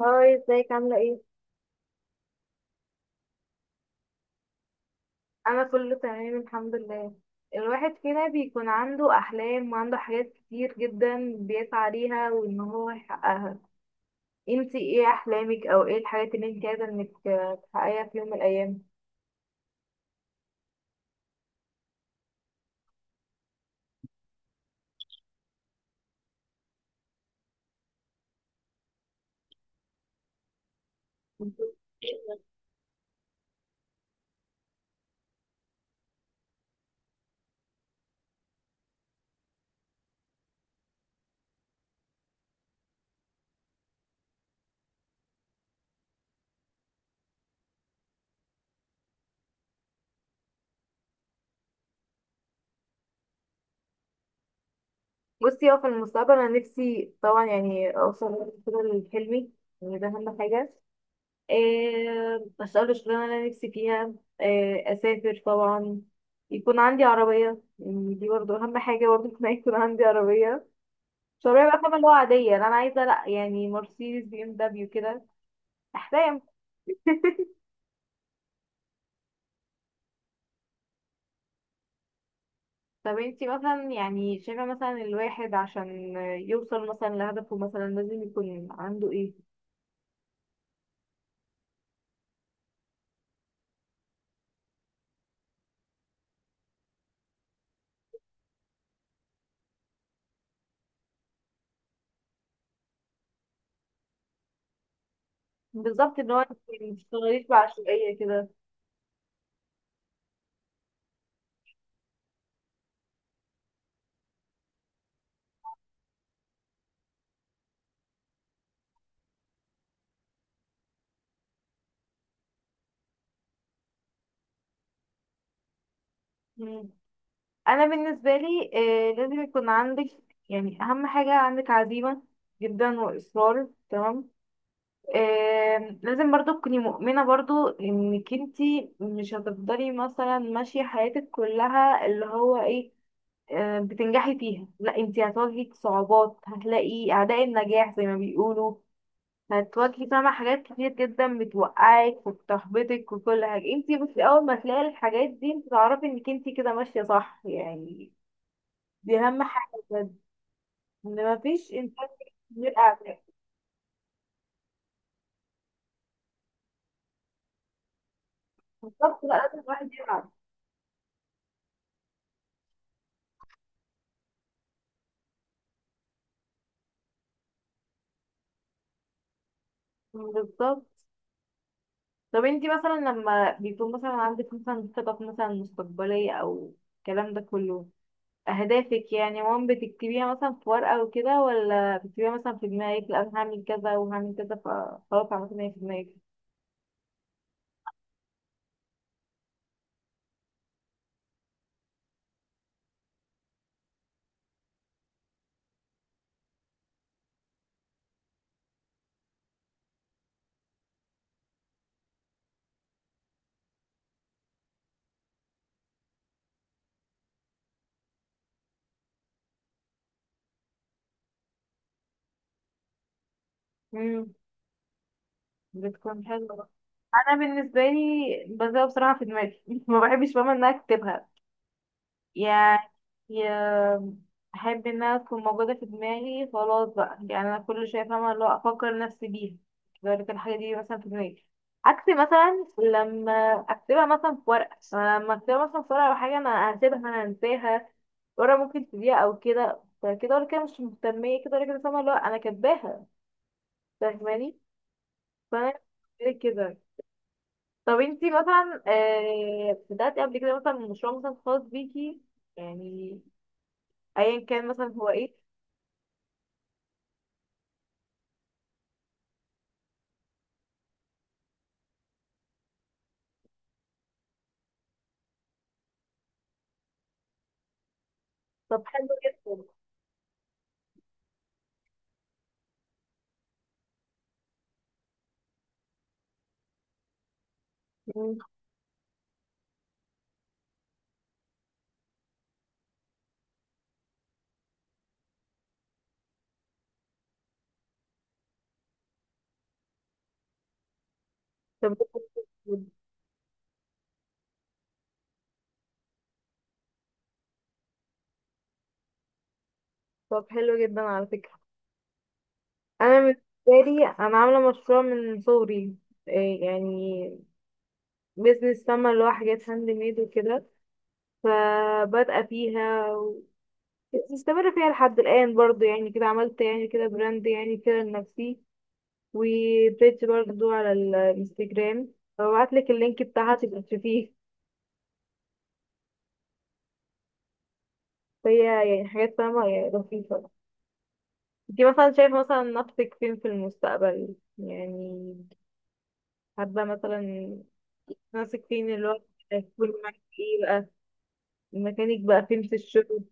هاي، ازيك؟ عاملة ايه؟ أنا كله تمام الحمد لله. الواحد فينا بيكون عنده أحلام وعنده حاجات كتير جدا بيسعى ليها وإن هو يحققها. انتي ايه أحلامك، أو ايه الحاجات اللي انتي عايزة انك تحققيها في يوم من الأيام؟ بصي، اه، في المستقبل أنا نفسي طبعا يعني أوصل كده لحلمي، يعني ده أهم حاجة. إيه، أشتغل الشغلانة اللي أنا نفسي فيها. إيه، أسافر طبعا. يكون عندي عربية، يعني دي برضه أهم حاجة، برضه إن أنا يكون عندي عربية شبابية بقى، فاهمة اللي هو عادية؟ لا، أنا عايزة لأ، يعني مرسيدس، بي ام دبليو، كده أحلام. طب انتي مثلا يعني شايفة مثلا الواحد عشان يوصل مثلا لهدفه مثلا لازم يكون عنده ايه؟ بالظبط، ان هو انتي متشتغليش بعشوائية كده. مم. أنا بالنسبة لي، آه، لازم يكون عندك، يعني أهم حاجة عندك عزيمة جدا وإصرار، تمام. آه، لازم برضو تكوني مؤمنة برضو انك انتي مش هتفضلي مثلا ماشية حياتك كلها اللي هو ايه، بتنجحي فيها. لا، انتي هتواجهي صعوبات، هتلاقي اعداء النجاح زي ما بيقولوا. هتواجهي، فاهمة، حاجات كتير جدا بتوقعك وبتحبطك وكل حاجة. انتي بس اول ما تلاقي الحاجات دي انتي تعرفي انك انتي كده ماشية صح يعني. دي اهم حاجة بجد، ان مفيش انسان غير اعداء. بالظبط، لا لازم الواحد يلعب. بالظبط. طب انتي مثلا لما بيكون مثلا عندك مثلا خطط مثلا مستقبلية او الكلام ده كله، اهدافك يعني، بتكتبيها مثلا في ورقة وكده، ولا بتكتبيها مثلا في دماغك، لا أنا هعمل كذا وهعمل كذا فخلاص عملت إن هي في دماغك؟ امم بتكون حلوة. انا بالنسبة لي بزرع بصراحة في دماغي ما بحبش ماما انها اكتبها يعني. يا- احب انها تكون موجوده في دماغي، خلاص بقى، يعني انا كل شويه فاهمه اللي هو افكر نفسي بيها، لذلك الحاجه دي مثلا في دماغي. عكس مثلا لما اكتبها مثلا في ورقه، أنا لما اكتبها مثلا في ورقه او حاجه انا هسيبها، انا هنساها. ورقه ممكن تضيع او كده، فكده ولا كده مش مهتميه، كده ولا كده فاهمه اللي هو انا كاتباها، فاهماني؟ فانا كده كده. طب انتي مثلا بدأتي قبل كده مثلا مشروع مثلا خاص بيكي يعني، ايا كان مثلا هو ايه؟ طب حلو جدا. مم. طب ده حلو جداً. طب حلو جدا على فكرة. أنا بالنسبة لي أنا عاملة مشروع من صغري، إيه يعني بيزنس، فاهمة اللي هو حاجات هاند ميد وكده. فبادئة فيها ومستمرة فيها لحد الآن برضو، يعني كده عملت يعني كده براند يعني كده لنفسي، وبيج برضو على الانستجرام، فببعتلك اللينك بتاعها تبقى تشوفيه. فهي يعني حاجات، فاهمة، يعني لطيفة. انتي مثلا شايفة مثلا نفسك فين في المستقبل، يعني حابة مثلا ماسك فين اللي هو هيكون معاك ايه بقى، الميكانيك بقى فين في الشغل؟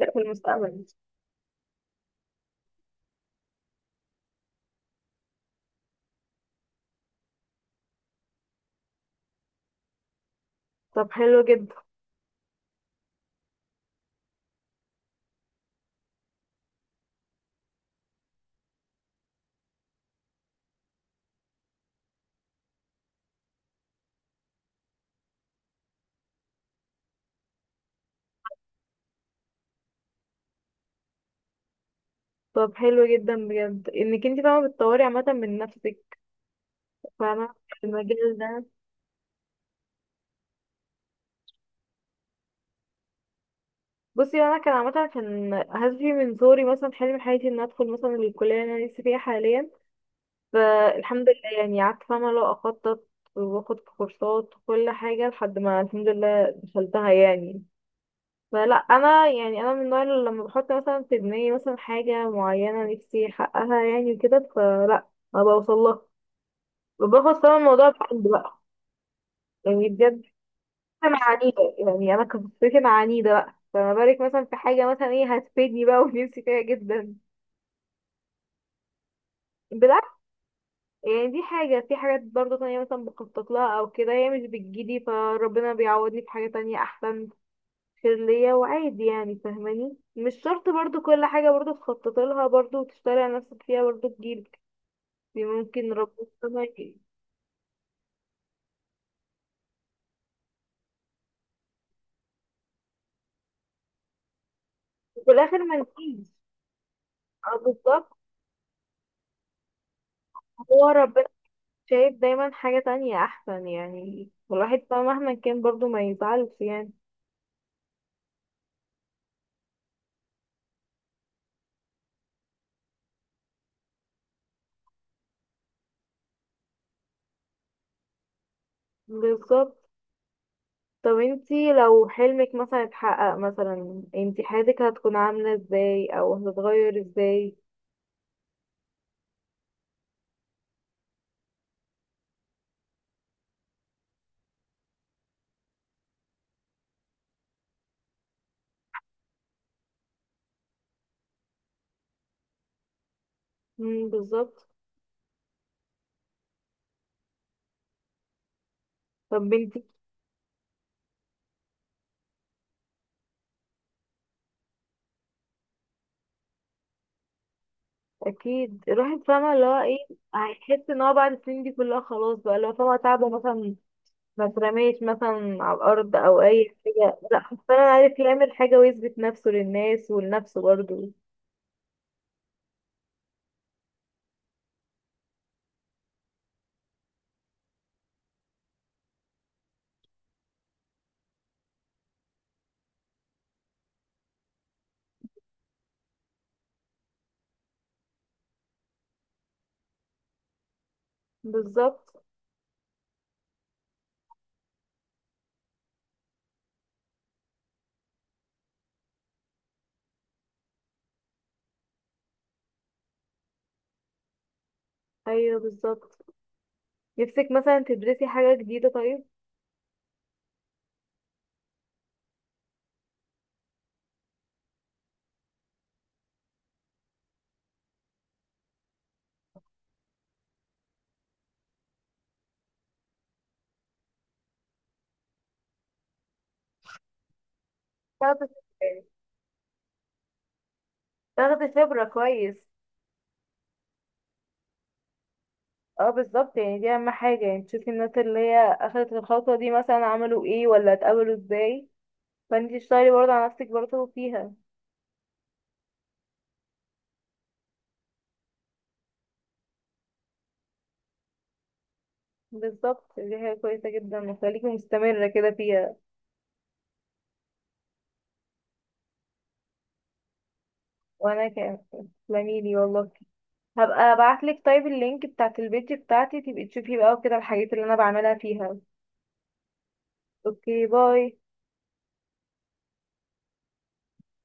لا، في المستقبل. طب حلو جدا. طب حلو جدا بجد، انك انت فاهمة بتطوري عامة من نفسك، فاهمة، في المجال ده. بصي انا كان عامة كان هدفي من صغري مثلا، حلم حياتي ان ادخل مثلا الكلية اللي انا لسه فيها حاليا، فالحمد لله يعني قعدت فاهمة لو اخطط واخد كورسات وكل حاجة لحد ما الحمد لله دخلتها يعني. فلا انا يعني انا من النوع اللي لما بحط مثلا في دماغي مثلا حاجه معينه نفسي احققها يعني وكده، فلا ما بوصلها، باخد فعلا الموضوع بحب بقى، يعني بجد. انا عنيده، يعني انا كنت انا عنيده بقى، فما بالك مثلا في حاجه مثلا ايه هتفيدني بقى ونفسي فيها جدا، بالعكس. يعني دي حاجه. في حاجات برضه تانية مثلا بخطط لها او كده هي مش بتجيلي، فربنا بيعوضني في حاجه تانية احسن، خير ليا وعادي يعني. فاهماني، مش شرط برضو كل حاجة برضو تخطط لها برضو وتشتغلي على نفسك فيها برضو تجيلك، دي ممكن ربنا يكرمك. وفي الآخر ما نجيش. اه بالظبط. هو ربنا شايف دايما حاجة تانية أحسن، يعني والواحد بقى مهما كان برضو ما يزعلش يعني. بالظبط. طب انتي لو حلمك مثلا اتحقق مثلا، انتي حياتك هتكون عاملة ازاي، أو هتتغير ازاي؟ مم، بالظبط. طب انتي، اكيد الواحد فاهمه اللي هو ايه، هيحس ان هو بعد السنين دي كلها خلاص بقى اللي هو فاهمه تعبه مثلا ما اترميش مثلا على الارض او اي حاجه، لا فعلا عارف يعمل حاجه ويثبت نفسه للناس ولنفسه برضه. بالظبط. ايوه، بالظبط. نفسك مثلا تدرسي حاجه جديده، طيب تاخدي خبرة. تاخدي خبره كويس. اه، بالظبط، يعني دي اهم حاجه، يعني تشوفي الناس اللي هي اخدت الخطوه دي مثلا عملوا ايه، ولا اتقابلوا ازاي، فانتي تشتغلي برضه على نفسك برضه فيها. بالظبط، دي حاجة كويسة جدا، وخليكي مستمرة كده فيها. وانا كمان، تسلمي لي والله. هبقى ابعتلك طيب اللينك بتاعت البيج بتاعتي تبقي تشوفي بقى وكده الحاجات اللي انا بعملها فيها. اوكي، باي.